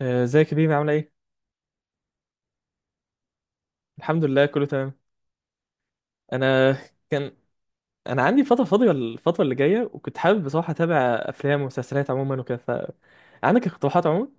آه، ازيك يا بيبي عامله ايه؟ الحمد لله، كله تمام. انا كان انا عندي فتره فاضيه الفتره اللي جايه، وكنت حابب بصراحه اتابع افلام ومسلسلات عموما وكده. فعندك اقتراحات عموما؟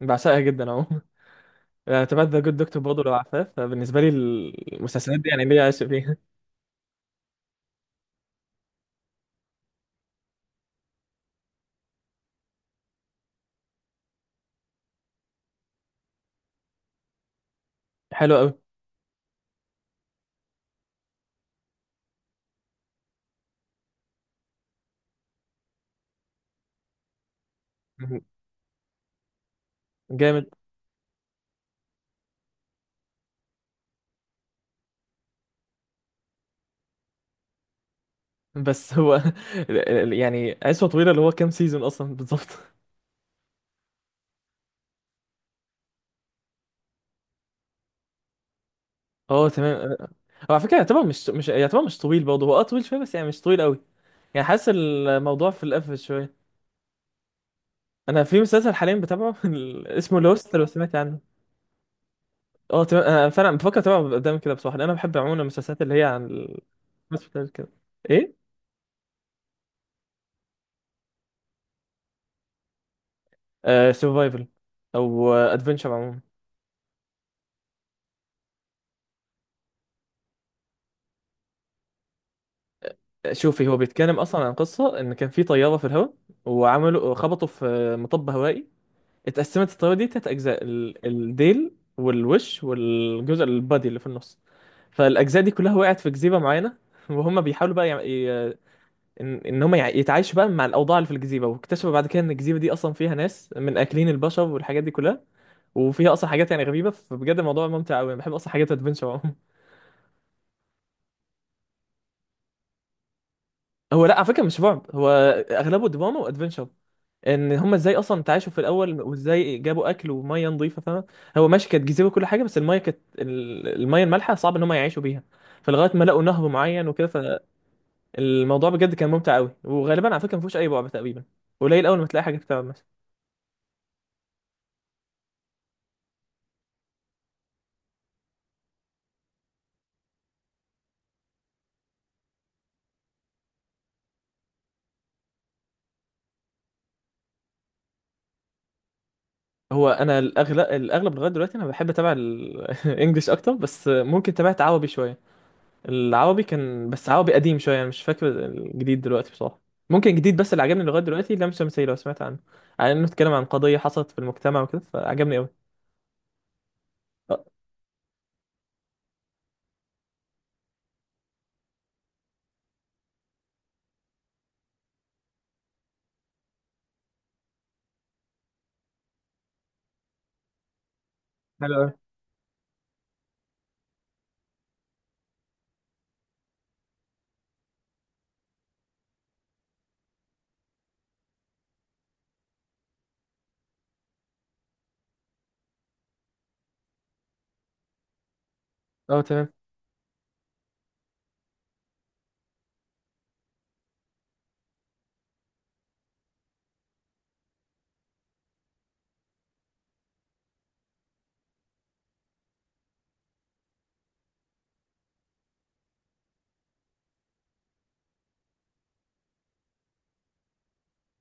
بعشقها جدا عموما. انا تابعت ذا جود دكتور برضه لو عارفاه، فبالنسبه لي المسلسلات دي يعني ليا عشق فيها. حلو قوي، جامد. بس هو يعني عشوه طويله، اللي هو كام سيزون اصلا بالظبط؟ اه، تمام. هو على فكره يعتبر مش مش يعتبر مش طويل برضه، هو طويل شويه، بس يعني مش طويل قوي. يعني حاسس الموضوع في القفل شويه. انا في مسلسل حاليا بتابعه، اسمه لوست، لو سمعت عنه. اه، انا فعلا بفكر اتابعه قدام كده بصراحه، لأن انا بحب عموما المسلسلات اللي هي عن المسلسلات كده. ايه. آه، سرفايفل او ادفنشر عموما. شوفي، هو بيتكلم اصلا عن قصه ان كان في طياره في الهواء، وعملوا خبطوا في مطب هوائي. اتقسمت الطياره دي تلات اجزاء، الديل والوش والجزء البادي اللي في النص. فالاجزاء دي كلها وقعت في جزيره معينه، وهم بيحاولوا بقى ان هم يتعايشوا بقى مع الاوضاع اللي في الجزيره، واكتشفوا بعد كده ان الجزيره دي اصلا فيها ناس من اكلين البشر والحاجات دي كلها. وفيها اصلا حاجات يعني غريبه، فبجد الموضوع ممتع قوي. انا بحب اصلا حاجات ادفنشر عموما. هو لا، على فكره مش رعب، هو اغلبه دراما وادفنشر. ان هم ازاي اصلا تعايشوا في الاول، وازاي جابوا اكل وميه نظيفه، فاهم. هو ماشي، كانت جزيره وكل حاجه، بس الميه كانت الميه المالحه صعب ان هم يعيشوا بيها، فلغايه ما لقوا نهر معين وكده. فالموضوع بجد كان ممتع قوي، وغالبا على فكره ما فيهوش اي رعب تقريبا، قليل اول ما تلاقي حاجه بتعمل. هو انا الاغلب الاغلب لغايه دلوقتي انا بحب اتابع الانجليش اكتر، بس ممكن تابعت عربي شويه. العربي كان بس عربي قديم شويه، انا مش فاكر الجديد دلوقتي بصراحه. ممكن الجديد بس اللي عجبني لغايه دلوقتي لام شمسية، لو سمعت عنه، على انه اتكلم عن قضيه حصلت في المجتمع وكده، فعجبني قوي. اه، حلو قوي. اه، تمام.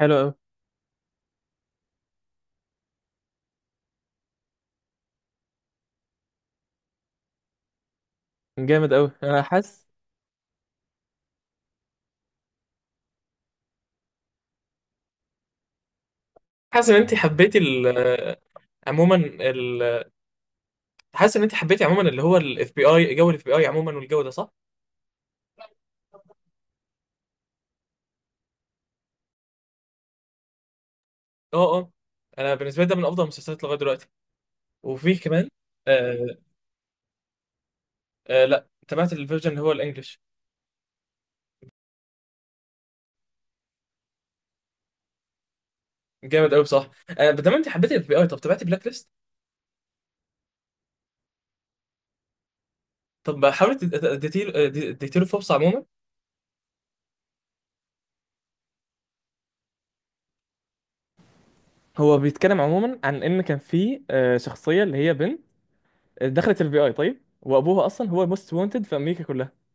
حلو قوي. جامد قوي. انا حاسس. حاسس ان انت حبيتي ال- عموما ال- حاسس ان انت حبيتي عموما، اللي هو الاف بي اي، جو الاف بي اي عموما، والجو ده، صح؟ اه، اه. انا بالنسبه لي ده من افضل المسلسلات لغايه دلوقتي، وفيه كمان. آه، آه، لا، تابعت الفيرجن اللي هو الانجليش. جامد قوي، صح. آه، بدل ما دام انت حبيت الاف بي اي، طب تابعت بلاك ليست؟ طب حاولت اديتيله فرصه عموما؟ هو بيتكلم عموما عن ان كان في شخصيه اللي هي بنت دخلت الفي اي طيب، وابوها اصلا هو موست وانتد في امريكا كلها.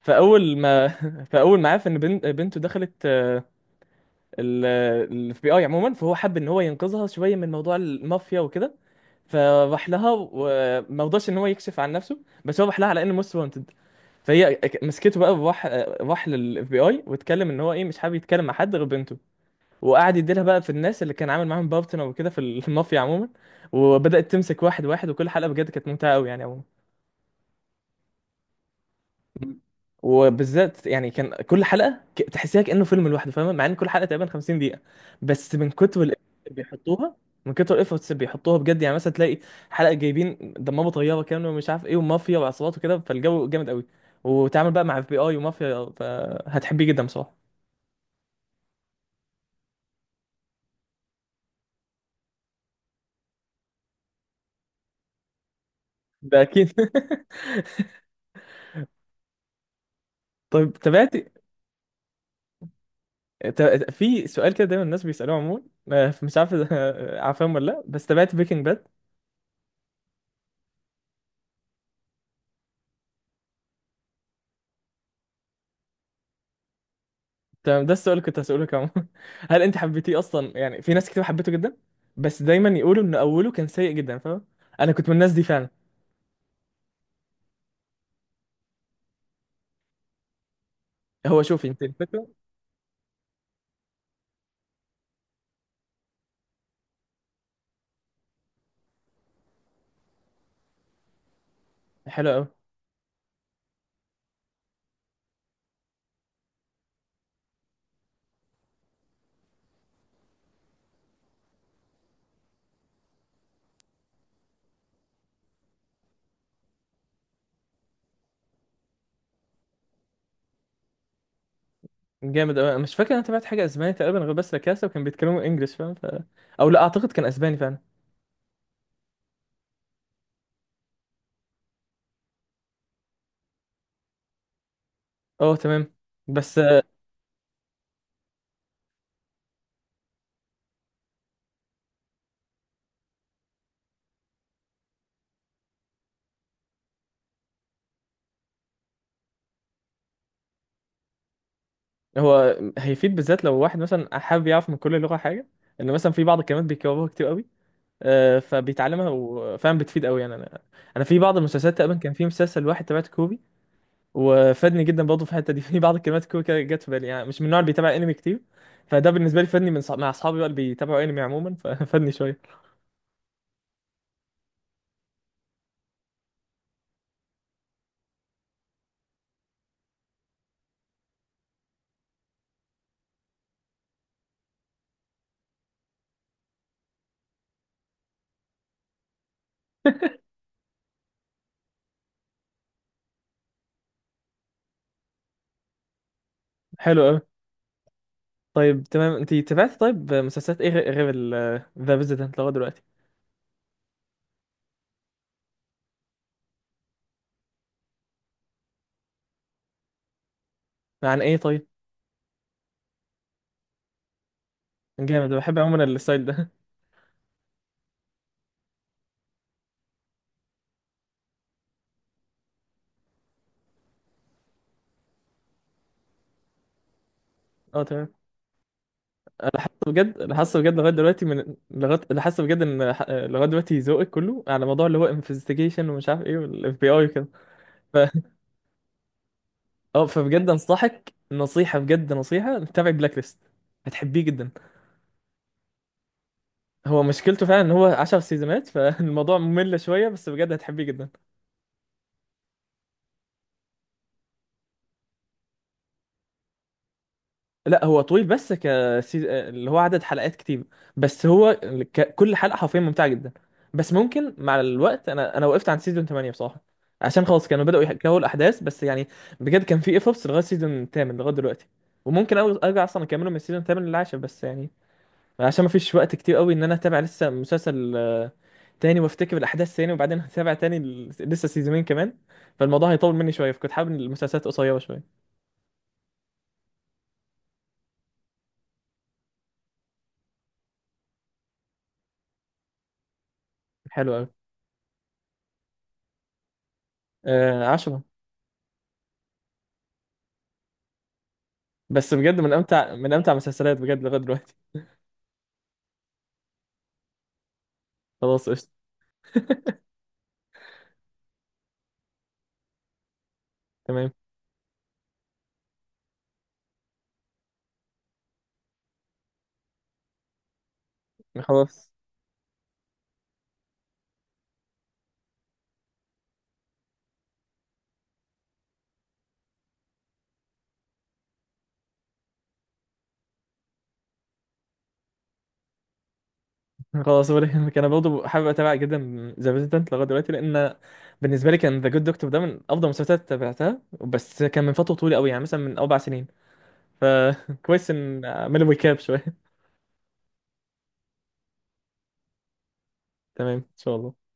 فاول ما فاول ما عرف ان بنته دخلت الاف بي اي عموما، فهو حب ان هو ينقذها شويه من موضوع المافيا وكده، فراح لها وما رضاش ان هو يكشف عن نفسه. بس هو راح لها على انه موست وانتد، فهي مسكته بقى، وراح للاف بي اي واتكلم ان هو ايه مش حابب يتكلم مع حد غير بنته. وقعد يديلها بقى في الناس اللي كان عامل معاهم بارتنر وكده في المافيا عموما. وبدأت تمسك واحد واحد، وكل حلقه بجد كانت ممتعه قوي يعني عموما. مم. وبالذات يعني كان كل حلقه تحسيها كانه فيلم لوحده، فاهمه، مع ان كل حلقه تقريبا 50 دقيقه، بس اللي بيحطوها من كتر الافورتس اللي بيحطوها بجد. يعني مثلا تلاقي حلقه جايبين دمروا طياره كامله، ومش عارف ايه، ومافيا وعصابات وكده، فالجو جامد قوي. وتعمل بقى مع اف بي اي ومافيا، فهتحبيه جدا بصراحه. ده اكيد. طيب في سؤال كده دايما الناس بيسالوه عموما، آه، مش عارف عارفهم ولا لا، بس تابعت بريكنج؟ تمام، ده السؤال اللي كنت هسألك عمو. هل انت حبيتيه اصلا؟ يعني في ناس كتير حبيته جدا، بس دايما يقولوا ان اوله كان سيء جدا، فاهم. انا كنت من الناس دي فعلا. هو شوفي انت الفكره. حلو قوي. جامد قوي. مش فاكر انا تابعت حاجه اسباني تقريبا غير بس لا كاسا، وكان بيتكلموا انجلش، فاهم. او لا، اعتقد كان اسباني فعلا. اه، تمام. بس هو هيفيد بالذات لو واحد مثلا حابب يعرف من كل لغه حاجه. ان مثلا في بعض الكلمات بيكرروها كتير قوي، آه، فبيتعلمها وفعلا بتفيد قوي يعني انا في بعض المسلسلات تقريبا كان في مسلسل واحد تابعته كوري، وفادني جدا برضه في الحته دي. في بعض الكلمات الكويكه كده جت في بالي، يعني مش من النوع اللي بيتابع انمي كتير، فده بالنسبه لي فادني من مع اصحابي بقى اللي بيتابعوا انمي عموما. ففادني شويه. حلو قوي. طيب تمام، انت تابعت طيب مسلسلات ايه غير ذا فيزيتنت لغايه دلوقتي؟ عن ايه طيب؟ جامد، بحب عموما الستايل ده. اه، تمام. انا حاسس بجد انا حاسس بجد لغايه دلوقتي من لغايه انا حاسس بجد ان ح- لغايه دلوقتي ذوقك كله على موضوع اللي هو انفستيجيشن ومش عارف ايه والاف بي اي وكده. اه، فبجد انصحك نصيحة، بجد نصيحة، تتابع بلاك ليست. هتحبيه جدا. هو مشكلته فعلا ان هو 10 سيزونات، فالموضوع ممل شوية، بس بجد هتحبيه جدا. لا، هو طويل، بس اللي هو عدد حلقات كتير. بس هو كل حلقة حرفيا ممتعة جدا. بس ممكن مع الوقت انا وقفت عند سيزون 8 بصراحة، عشان خلاص كانوا بدأوا يحكوا الاحداث، بس يعني بجد كان في ايفورتس لغاية سيزون 8 لغاية دلوقتي. وممكن ارجع اصلا اكمله من السيزون 8 للعاشر، بس يعني عشان ما فيش وقت كتير قوي ان انا اتابع لسه مسلسل تاني وافتكر الاحداث تاني، وبعدين هتابع تاني لسه سيزونين كمان، فالموضوع هيطول مني شويه، فكنت حابب إن المسلسلات قصيره شويه. حلو قوي. آه، 10. بس بجد من امتع المسلسلات بجد لغايه دلوقتي. خلاص، قشطه. تمام. خلاص. خلاص ولا يهمك. انا برضه حابب اتابع جدا ذا ريزيدنت لغايه دلوقتي، لان بالنسبه لي كان ذا جود دكتور ده من افضل المسلسلات تابعتها، بس كان من فتره طويله قوي، يعني مثلا من 4 سنين، فكويس ان اعمل ويكاب شويه. تمام ان شاء الله.